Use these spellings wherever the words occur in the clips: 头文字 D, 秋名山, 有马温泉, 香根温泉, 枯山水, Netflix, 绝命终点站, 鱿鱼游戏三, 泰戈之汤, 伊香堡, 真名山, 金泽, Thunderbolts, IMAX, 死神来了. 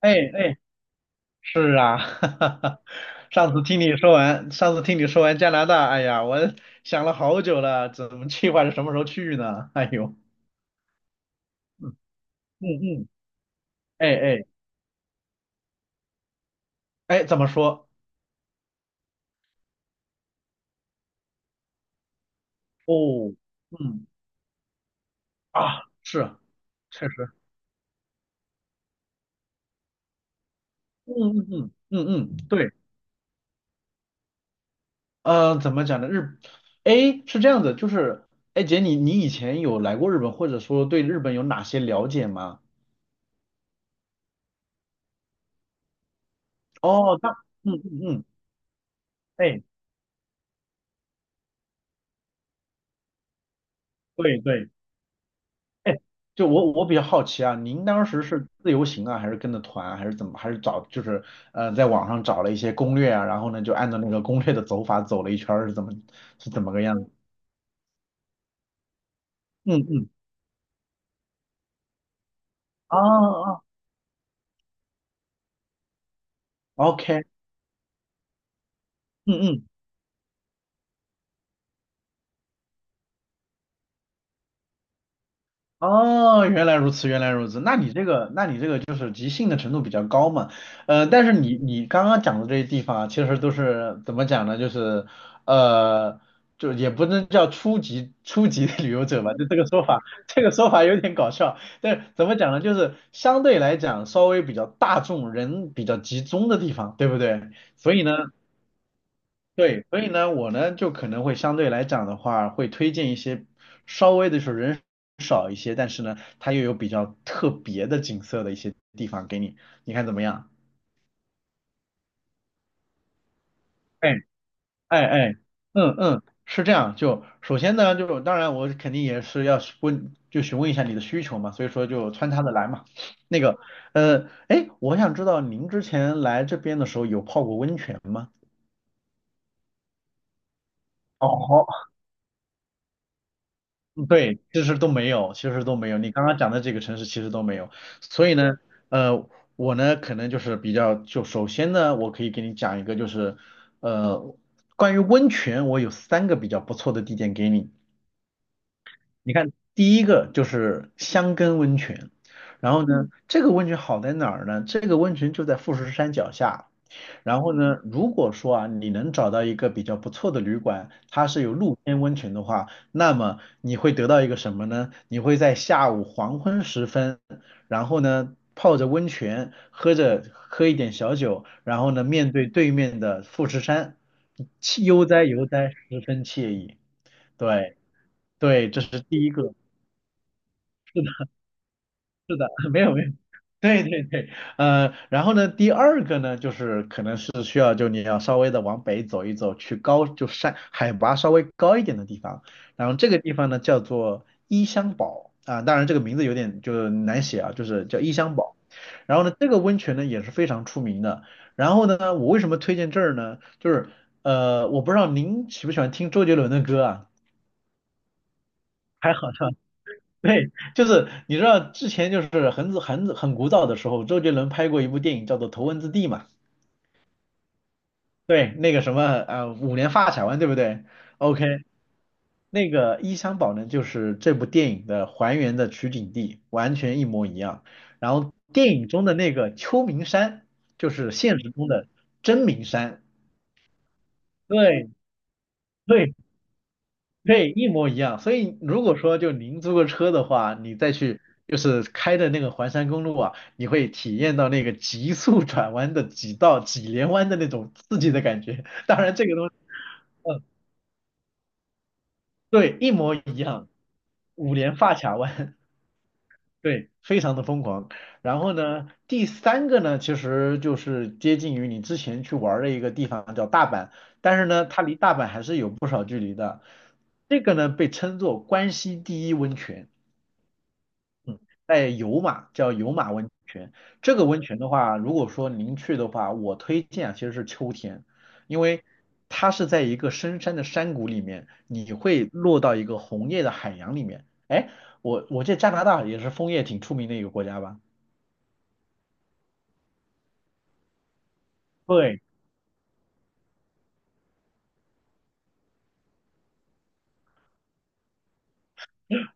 哎哎，是啊，哈哈哈，上次听你说完加拿大，哎呀，我想了好久了，怎么计划着什么时候去呢？哎呦，嗯嗯，哎哎哎，怎么说？哦，嗯啊，是啊，确实，嗯嗯嗯嗯嗯，对，怎么讲呢？哎，是这样子，就是，哎姐，你以前有来过日本，或者说对日本有哪些了解吗？哦，那，嗯嗯嗯，哎，对对。哎，就我比较好奇啊，您当时是自由行啊，还是跟着团啊还是怎么，还是找就是在网上找了一些攻略啊，然后呢就按照那个攻略的走法走了一圈儿，是怎么个样子？嗯嗯，啊啊，OK，嗯嗯哦，原来如此，原来如此。那你这个就是即兴的程度比较高嘛？但是你刚刚讲的这些地方啊，其实都是怎么讲呢？就是呃，就也不能叫初级的旅游者吧，就这个说法，这个说法有点搞笑。但是怎么讲呢？就是相对来讲稍微比较大众、人比较集中的地方，对不对？所以呢，对，所以呢，我呢就可能会相对来讲的话，会推荐一些稍微的是人少一些，但是呢，它又有比较特别的景色的一些地方给你，你看怎么样？哎哎哎，嗯嗯，是这样。就首先呢，就是当然我肯定也是要是问，就询问一下你的需求嘛，所以说就穿插的来嘛。那个，哎，我想知道您之前来这边的时候有泡过温泉吗？哦嗯对，其实都没有，其实都没有。你刚刚讲的这个城市其实都没有，所以呢，呃，我呢可能就是比较，就首先呢，我可以给你讲一个，就是呃，关于温泉，我有三个比较不错的地点给你。你看，第一个就是香根温泉，然后呢，嗯这个温泉好在哪儿呢？这个温泉就在富士山脚下。然后呢，如果说啊，你能找到一个比较不错的旅馆，它是有露天温泉的话，那么你会得到一个什么呢？你会在下午黄昏时分，然后呢，泡着温泉，喝一点小酒，然后呢，面对对面的富士山，气悠哉悠哉，十分惬意。对对，这是第一个。是的，没有没有，对对对，然后呢，第二个呢，就是可能是需要就你要稍微的往北走一走，去高就山海拔稍微高一点的地方，然后这个地方呢叫做伊香堡啊，当然这个名字有点就是难写啊，就是叫伊香堡，然后呢，这个温泉呢也是非常出名的。然后呢，我为什么推荐这儿呢？就是我不知道您喜不喜欢听周杰伦的歌啊，还好，对，就是你知道之前就是很古早的时候，周杰伦拍过一部电影叫做《头文字 D》嘛，对，那个什么五连发卡弯对不对？OK，那个伊香保呢就是这部电影的还原的取景地，完全一模一样。然后电影中的那个秋名山就是现实中的真名山，对对对，一模一样。所以如果说就您租个车的话，你再去就是开的那个环山公路啊，你会体验到那个急速 转弯的几道几连弯的那种刺激的感觉。当然这个东西，对，一模一样，五连发卡弯，对，非常的疯狂。然后呢，第三个呢，其实就是接近于你之前去玩儿的一个地方叫大阪，但是呢，它离大阪还是有不少距离的。这个呢，被称作关西第一温泉。嗯，在有马叫有马温泉，这个温泉的话，如果说您去的话，我推荐啊其实是秋天，因为它是在一个深山的山谷里面，你会落到一个红叶的海洋里面。哎，我记得加拿大也是枫叶挺出名的一个国家吧？对，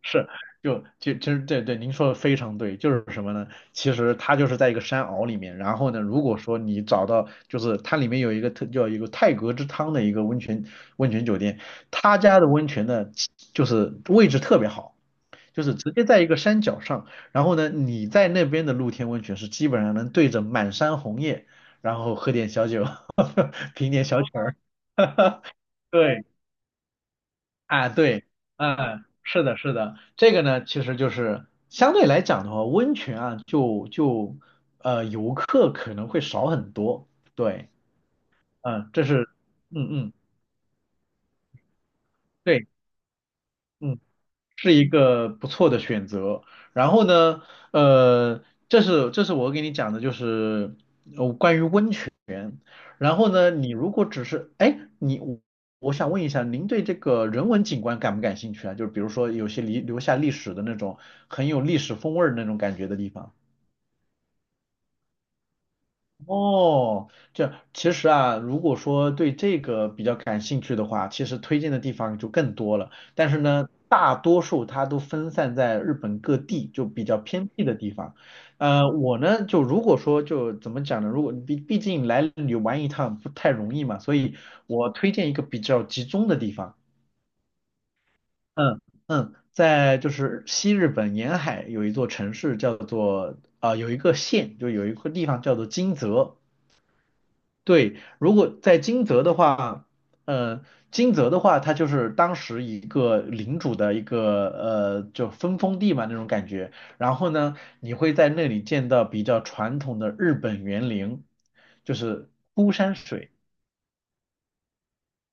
是，就其实对对，您说的非常对，就是什么呢？其实它就是在一个山坳里面，然后呢，如果说你找到，就是它里面有一个特叫一个泰戈之汤的一个温泉酒店，他家的温泉呢，就是位置特别好，就是直接在一个山脚上，然后呢，你在那边的露天温泉是基本上能对着满山红叶，然后喝点小酒，听点小曲儿，对。啊，对，嗯，是的，是的，这个呢，其实就是相对来讲的话，温泉啊，就就呃，游客可能会少很多。对，嗯，这是，嗯嗯，对，嗯，是一个不错的选择。然后呢，呃，这是我给你讲的，就是，然后呢，你如果只是，哎，我想问一下，您对这个人文景观感不感兴趣啊？就是比如说有些留下历史的那种很有历史风味儿的那种感觉的地方。哦，这其实啊，如果说对这个比较感兴趣的话，其实推荐的地方就更多了。但是呢，大多数它都分散在日本各地，就比较偏僻的地方。我呢，就如果说就怎么讲呢？如果毕竟来旅玩一趟不太容易嘛，所以我推荐一个比较集中的地方。嗯嗯，在就是西日本沿海有一座城市叫做啊、有一个县，就有一个地方叫做金泽。对，如果在金泽的话，呃，金泽的话，它就是当时一个领主的一个就分封地嘛那种感觉。然后呢，你会在那里见到比较传统的日本园林，就是枯山水。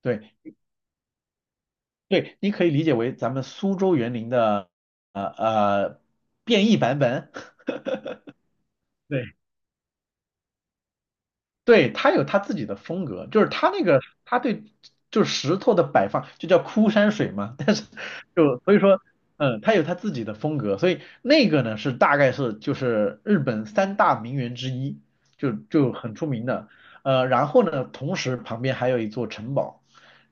对对，你可以理解为咱们苏州园林的呃呃变异版本。对。对，他有他自己的风格，就是他那个他对就是石头的摆放，就叫枯山水嘛。但是就所以说，嗯，他有他自己的风格，所以那个呢是大概是就是日本三大名园之一，就很出名的。然后呢，同时旁边还有一座城堡，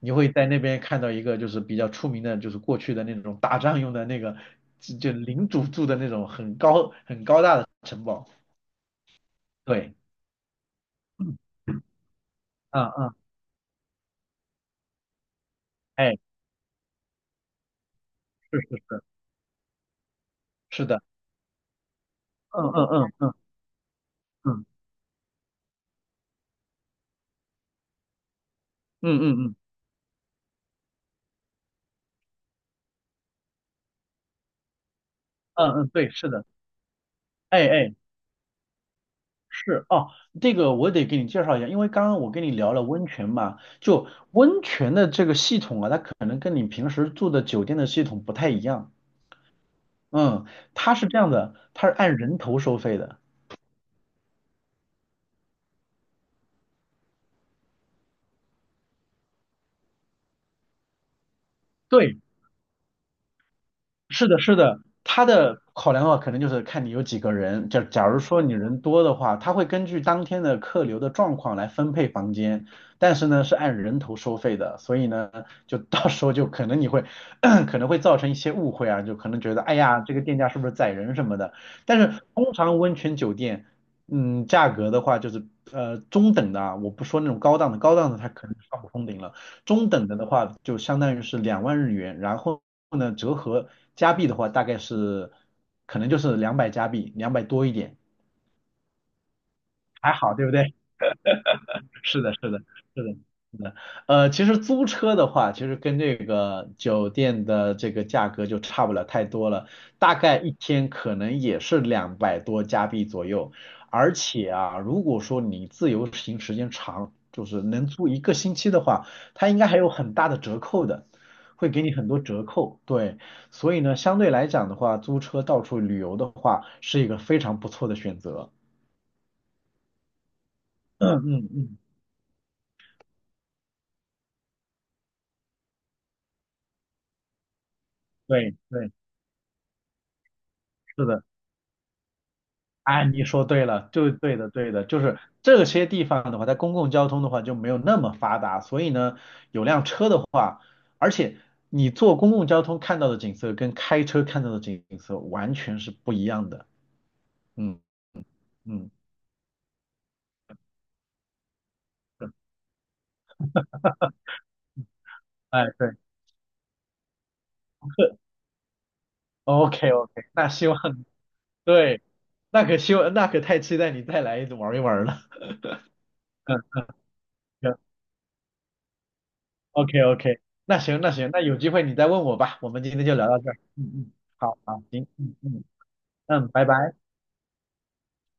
你会在那边看到一个就是比较出名的，就是过去的那种打仗用的那个就领主住的那种很高大的城堡。对，嗯嗯嗯，哎是。是的，嗯嗯嗯嗯嗯嗯嗯嗯嗯，嗯对，是的，哎哎，是哦，这个我得给你介绍一下，因为刚刚我跟你聊了温泉嘛，就温泉的这个系统啊，它可能跟你平时住的酒店的系统不太一样，嗯，它是这样的，它是按人头收费的，对。是的，是的，他的考量的话，可能就是看你有几个人。假如说你人多的话，他会根据当天的客流的状况来分配房间，但是呢是按人头收费的，所以呢就到时候就可能你会 可能会造成一些误会啊，就可能觉得哎呀这个店家是不是宰人什么的。但是通常温泉酒店，嗯，价格的话就是中等的啊，我不说那种高档的，高档的它可能上不封顶了。中等的的话就相当于是2万日元，然后呢折合加币的话大概是可能就是200加币，两百多一点，还好，对不对？是的，是的，是的，是的。其实租车的话，其实跟这个酒店的这个价格就差不了太多了，大概一天可能也是200多加币左右。而且啊，如果说你自由行时间长，就是能租一个星期的话，它应该还有很大的折扣的，会给你很多折扣。对，所以呢，相对来讲的话，租车到处旅游的话，是一个非常不错的选择。嗯嗯嗯，对对，是的。哎，你说对了，就对的，对的，就是这些地方的话，在公共交通的话就没有那么发达，所以呢，有辆车的话，而且你坐公共交通看到的景色跟开车看到的景色完全是不一样的。嗯嗯，哎，对，OK OK，那希望对，那可太期待你再来玩一玩了。嗯嗯，行，OK OK，那行那行，那有机会你再问我吧，我们今天就聊到这儿。嗯嗯，好好，行，嗯嗯嗯，拜拜。